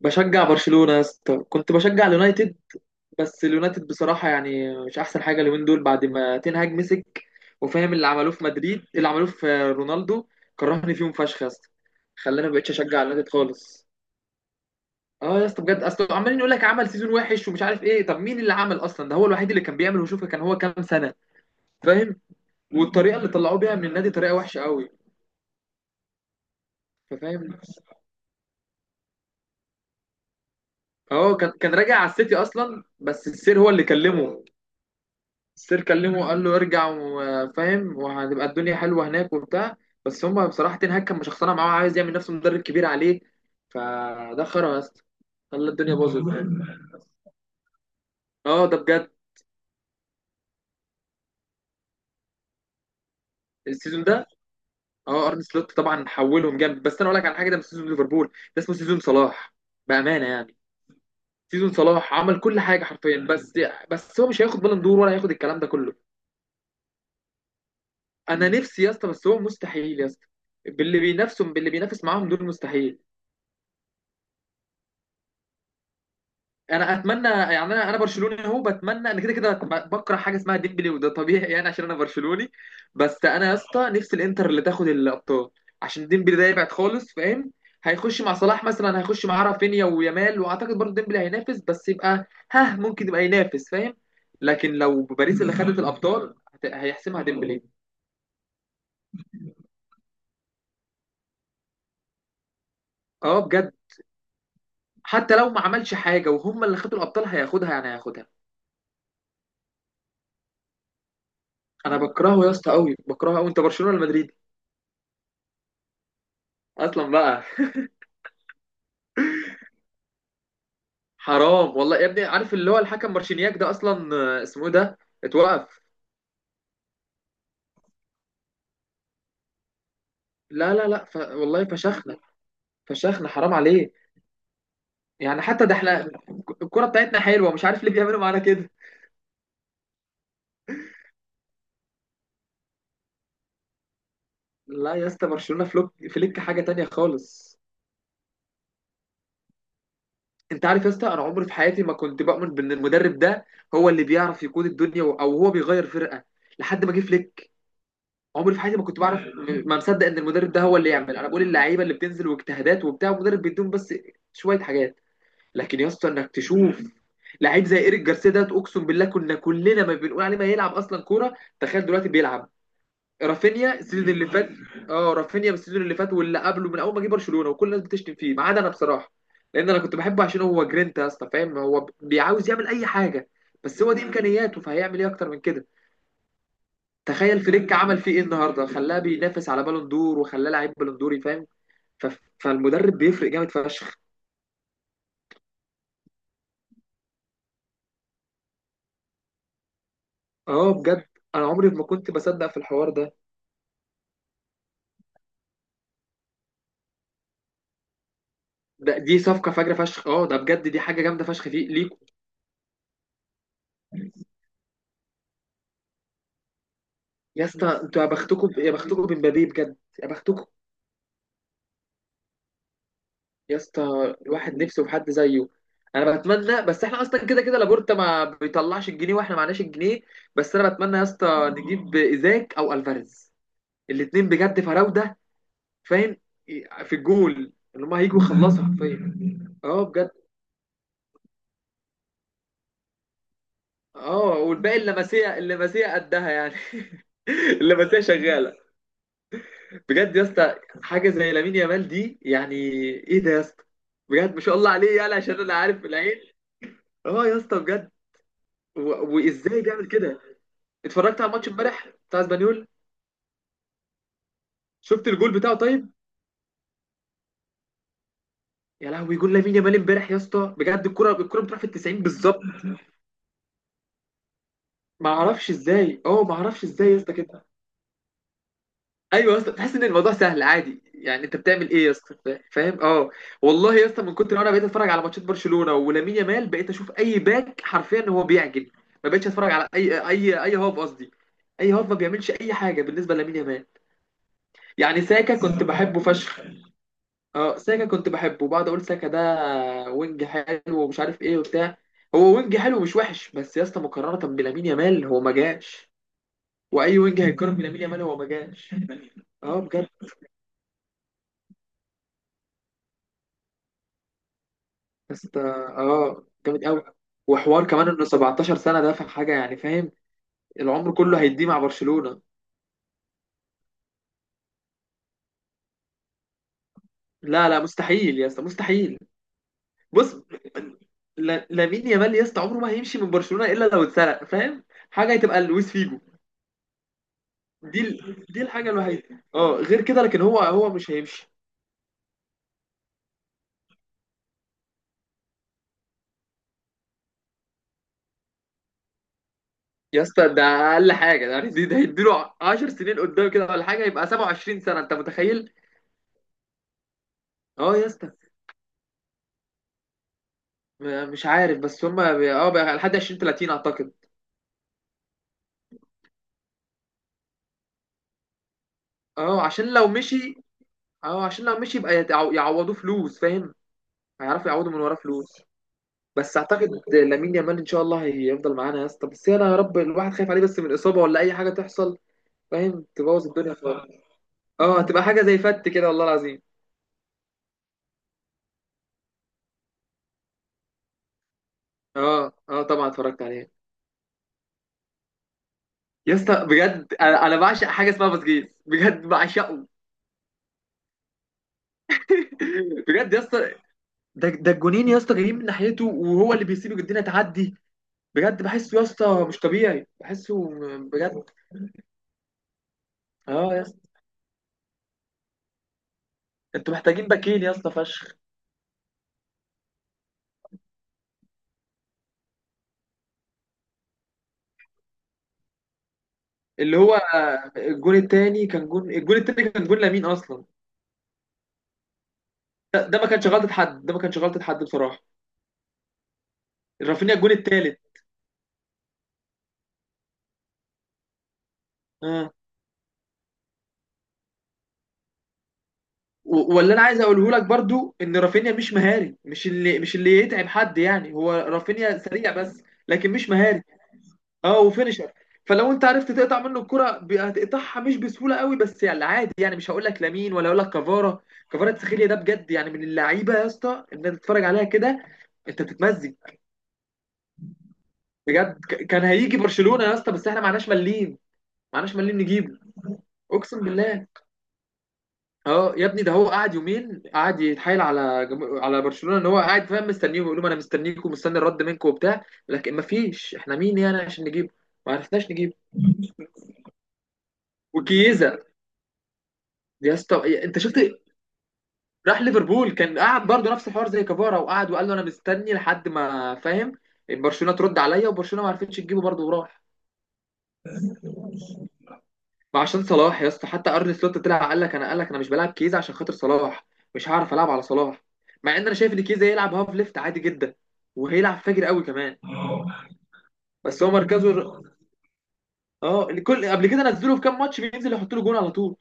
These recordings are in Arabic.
بشجع برشلونة يا اسطى، كنت بشجع اليونايتد، بس اليونايتد بصراحة يعني مش أحسن حاجة اليومين دول بعد ما تنهاج مسك، وفاهم اللي عملوه في مدريد، اللي عملوه في رونالدو، كرهني فيهم فشخ يا اسطى. خلاني مبقتش أشجع اليونايتد خالص. اه يا اسطى بجد، اصل عمالين يقول لك عمل سيزون وحش ومش عارف ايه، طب مين اللي عمل اصلا؟ ده هو الوحيد اللي كان بيعمل، وشوفه كان هو كام سنة، فاهم. والطريقة اللي طلعوه بيها من النادي طريقة وحشة قوي، فاهم. اه كان راجع على السيتي اصلا، بس السير هو اللي كلمه. السير كلمه وقال له ارجع وفاهم، وهتبقى الدنيا حلوه هناك وبتاع. بس هم بصراحه تين هاج كان مشخصنها معاه، عايز يعمل نفسه مدرب كبير عليه، فده خرا يا اسطى. خلى الدنيا باظت. اه ده بجد. السيزون ده. اه ارن سلوت طبعا حولهم جامد، بس انا اقول لك على حاجه، ده مش سيزون ليفربول، ده اسمه سيزون صلاح، بامانه يعني. سيزون صلاح، عمل كل حاجه حرفيا، بس بس هو مش هياخد بالون دور، ولا هياخد الكلام ده كله. انا نفسي يا اسطى، بس هو مستحيل يا اسطى، باللي بينافسهم، باللي بينافس معاهم دول، مستحيل. انا اتمنى يعني، انا برشلوني اهو، بتمنى انا كده كده بكره حاجه اسمها ديمبلي، وده طبيعي يعني عشان انا برشلوني. بس انا يا اسطى نفسي الانتر اللي تاخد الابطال، عشان ديمبلي ده يبعد خالص، فاهم. هيخش مع صلاح مثلا، هيخش مع رافينيا ويامال، واعتقد برضه ديمبلي هينافس، بس يبقى ها ممكن يبقى ينافس، فاهم. لكن لو باريس اللي خدت الابطال، هيحسمها ديمبلي. اه بجد. حتى لو ما عملش حاجه وهم اللي خدوا الابطال هياخدها، يعني هياخدها. انا بكرهه يا اسطى قوي، بكرهه قوي. انت برشلونه ولا مدريد اصلا بقى؟ حرام والله يا ابني، عارف اللي هو الحكم مارشينياك ده اصلا اسمه إيه ده؟ اتوقف. لا لا لا والله فشخنا. فشخنا، حرام عليه. يعني حتى ده احنا الكرة بتاعتنا حلوة، مش عارف ليه بيعملوا معانا كده. لا يا اسطى، برشلونة فلوك فليك حاجة تانية خالص. انت عارف يا اسطى انا عمري في حياتي ما كنت بؤمن بان المدرب ده هو اللي بيعرف يقود الدنيا او هو بيغير فرقة، لحد ما جه فليك. عمري في حياتي ما كنت بعرف ما مصدق ان المدرب ده هو اللي يعمل، انا بقول اللعيبة اللي بتنزل واجتهادات وبتاع، المدرب بيديهم بس شوية حاجات. لكن يا اسطى انك تشوف لعيب زي ايريك جارسيا ده، اقسم بالله كنا كلنا ما بنقول عليه ما يلعب اصلا كوره، تخيل دلوقتي بيلعب. رافينيا السيزون اللي فات، اه رافينيا بالسيزون اللي فات واللي قبله، من اول ما جه برشلونه وكل الناس بتشتم فيه ما عدا انا بصراحه، لان انا كنت بحبه عشان هو جرينتا يا اسطى، فاهم، هو بيعاوز يعمل اي حاجه، بس هو دي امكانياته، فهيعمل ايه اكتر من كده. تخيل فليك عمل فيه ايه النهارده، خلاه بينافس على بالون دور، وخلاه لعيب بالون دوري، فاهم. فالمدرب بيفرق جامد فشخ. اه بجد. انا عمري ما كنت بصدق في الحوار ده. دي صفقه فجره فشخ، اه ده بجد، دي حاجه جامده فشخ فيه ليكوا. يا اسطى بس انتوا يا بختكم، يا بختكم بمبابي بجد، يا بختكم. يا اسطى الواحد نفسه في حد زيه. انا بتمنى، بس احنا اصلا كده كده لابورتا ما بيطلعش الجنيه، واحنا معناش الجنيه. بس انا بتمنى يا اسطى نجيب ايزاك او الفاريز، الاتنين بجد فراوده، فاهم، في الجول اللي هم هيجوا يخلصوا حرفيا. اه بجد. اه والباقي اللمسيه، اللمسيه قدها يعني. اللمسيه شغاله. بجد يا اسطى، حاجه زي لامين يامال دي يعني، ايه ده يا اسطى؟ بجد ما شاء الله عليه، يعني عشان انا عارف العين، اه يا اسطى بجد. و... وازاي بيعمل كده؟ اتفرجت على الماتش امبارح بتاع اسبانيول، شفت الجول بتاعه طيب؟ يا لهوي جول لامين يامال امبارح يا اسطى، بجد الكره، الكره بتروح في ال 90 بالظبط، ما اعرفش ازاي، اه ما اعرفش ازاي يا اسطى كده. ايوه يا اسطى، تحس ان الموضوع سهل عادي، يعني انت بتعمل ايه يا اسطى، فاهم، اه. والله يا اسطى، من كتر ما انا بقيت اتفرج على ماتشات برشلونه ولامين يامال، بقيت اشوف اي باك حرفيا هو بيعجن، ما بقتش اتفرج على اي هوب قصدي، اي هوب ما بيعملش اي حاجه بالنسبه لامين يامال. يعني ساكا كنت بحبه فشخ، اه ساكا كنت بحبه، بعد اقول ساكا ده وينج حلو ومش عارف ايه وبتاع، هو وينج حلو مش وحش، بس يا اسطى مقارنه بلامين يامال هو ما جاش. واي وينج هيتقارن بلامين يامال، هو ما جاش، اه بجد. بس ده اه جامد قوي، وحوار كمان انه 17 سنه ده في حاجه يعني، فاهم، العمر كله هيديه مع برشلونه. لا لا، مستحيل يا اسطى، مستحيل. بص، لامين يامال يا اسطى عمره ما هيمشي من برشلونه الا لو اتسرق، فاهم، حاجه هتبقى لويس فيجو. دي الحاجه الوحيده، اه، غير كده لكن هو هو مش هيمشي. يا اسطى ده اقل حاجه ده يعني، ده هيديله 10 سنين قدام كده ولا حاجه، يبقى 27 سنه، انت متخيل؟ اه يا اسطى، مش عارف، بس هم اه بقى لحد 20 30 اعتقد. اه عشان لو مشي، اه عشان لو مشي يبقى يعوضوه فلوس، فاهم، هيعرفوا يعوضوا من وراه فلوس. بس اعتقد لامين يامال ان شاء الله هيفضل معانا يا اسطى، بس انا يا رب الواحد خايف عليه بس من اصابه ولا اي حاجه تحصل، فاهم، تبوظ الدنيا خالص. اه تبقى حاجه زي فت كده، والله العظيم. اه اه طبعا اتفرجت عليه. يا اسطى بجد، انا أنا بعشق حاجه اسمها باسكيز، بجد بعشقه. بجد يا اسطى، ده ده الجونين يا اسطى جايين من ناحيته، وهو اللي بيسيب الدنيا تعدي، بجد بحسه يا اسطى مش طبيعي، بحسه بجد. اه يا، انتوا محتاجين باكين يا اسطى فشخ. اللي هو الجون التاني كان جون، الجون التاني كان جون لامين اصلا. ده, ده ما كانش غلطه حد، ده ما كانش غلطه حد بصراحه. رافينيا الجون التالت، اه. واللي انا عايز اقوله لك برضو ان رافينيا مش مهاري، مش اللي، مش اللي يتعب حد يعني، هو رافينيا سريع بس، لكن مش مهاري. اه وفينشر، فلو انت عرفت تقطع منه الكرة هتقطعها مش بسهوله قوي، بس يعني عادي يعني، مش هقول لك لامين ولا هقول لك كفارا. كفارا تسخيليا ده بجد، يعني من اللعيبه يا اسطى ان انت تتفرج عليها كده، انت بتتمزج. بجد كان هيجي برشلونه يا اسطى، بس احنا معناش مليم، معناش مليم نجيبه. اقسم بالله، اه يا ابني، ده هو قعد يومين قعد يتحايل على على برشلونه، ان هو قاعد فاهم مستنيهم، يقول لهم انا مستنيكم، مستني الرد منكم وبتاع، لكن ما فيش احنا مين يعني عشان نجيبه، ما عرفناش نجيبه. وكيزا، يا اسطى إيه، انت شفت؟ راح ليفربول، كان قاعد برضه نفس الحوار زي كفارا، وقعد وقال له انا مستني لحد ما، فاهم، برشلونه ترد عليا، وبرشلونه ما عرفتش تجيبه برضه وراح. ما عشان صلاح يا اسطى، حتى ارني سلوت طلع قال لك انا، قال لك انا مش بلعب كيزه عشان خاطر صلاح، مش هعرف العب على صلاح، مع ان انا شايف ان كيزه يلعب هاف ليفت عادي جدا، وهيلعب فاجر قوي كمان. بس هو مركزه اه الكل قبل كده نزله في كام ماتش، بينزل يحط له جون على طول،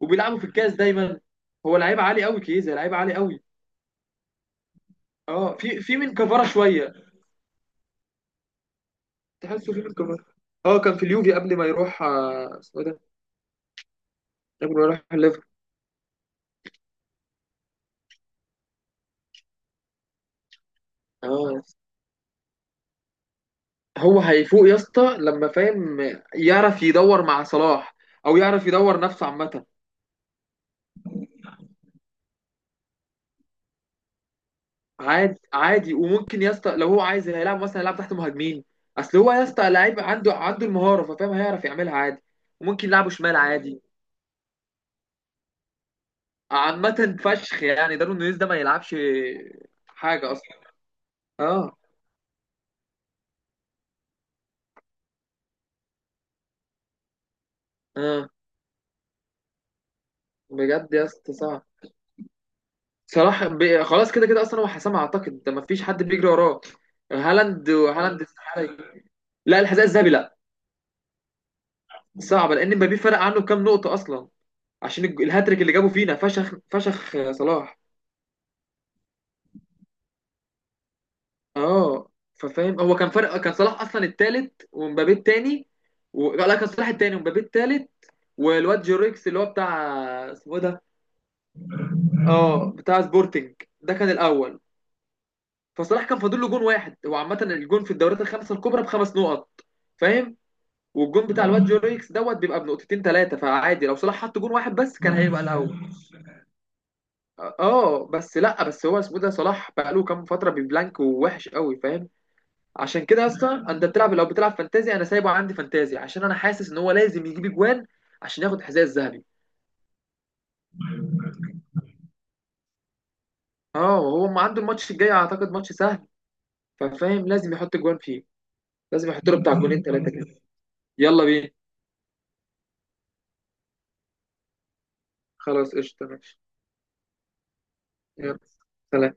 وبيلعبوا في الكاس دايما. هو لعيب عالي قوي كيزه، لعيب عالي قوي. اه في من كفاره شويه، تحسه في من كفاره، اه كان في اليوفي قبل ما يروح اسمه ده قبل ما يروح الليفر. اه هو هيفوق يا اسطى لما، فاهم، يعرف يدور مع صلاح او يعرف يدور نفسه عامه. عادي عادي، وممكن يا اسطى لو هو عايز هيلعب مثلا، هيلعب تحت مهاجمين، اصل هو يا اسطى لعيب، عنده المهاره، ففاهم هيعرف يعملها عادي. وممكن يلعبه شمال عادي. عامه فشخ يعني دارون نونيز ده ما يلعبش حاجه اصلا. اه اه بجد يا اسطى صعب. صلاح خلاص كده كده اصلا هو حسام اعتقد، ده ما فيش حد بيجري وراه. هالاند هالاند استحاله يجري. لا الحذاء الذهبي لا. صعبه لان مبابي فرق عنه كام نقطه اصلا، عشان الهاتريك اللي جابه فينا فشخ فشخ صلاح. اه ففاهم، هو كان فرق، كان صلاح اصلا التالت ومبابي التاني، لا كان صلاح التاني ومبابي التالت، والواد جوريكس اللي هو بتاع، اسمه إيه ده، اه بتاع سبورتنج ده، كان الاول. فصلاح كان فاضل له جون واحد، هو عامه الجون في الدوريات الخمسه الكبرى بخمس نقط، فاهم، والجون بتاع الواد جوريكس دوت بيبقى بنقطتين ثلاثه، فعادي لو صلاح حط جون واحد بس كان هيبقى الاول. اه بس لا، بس هو اسمه إيه ده، صلاح بقى له كام فتره ببلانك ووحش قوي، فاهم، عشان كده يا اسطى انت بتلعب لو بتلعب فانتازي، انا سايبه عندي فانتازي عشان انا حاسس ان هو لازم يجيب اجوان عشان ياخد الحذاء الذهبي. اه وهو ما عنده الماتش الجاي اعتقد ماتش سهل، ففاهم لازم يحط اجوان فيه، لازم يحط له بتاع جونين ثلاثه كده. يلا بينا. خلاص قشطه ماشي. يلا. سلام.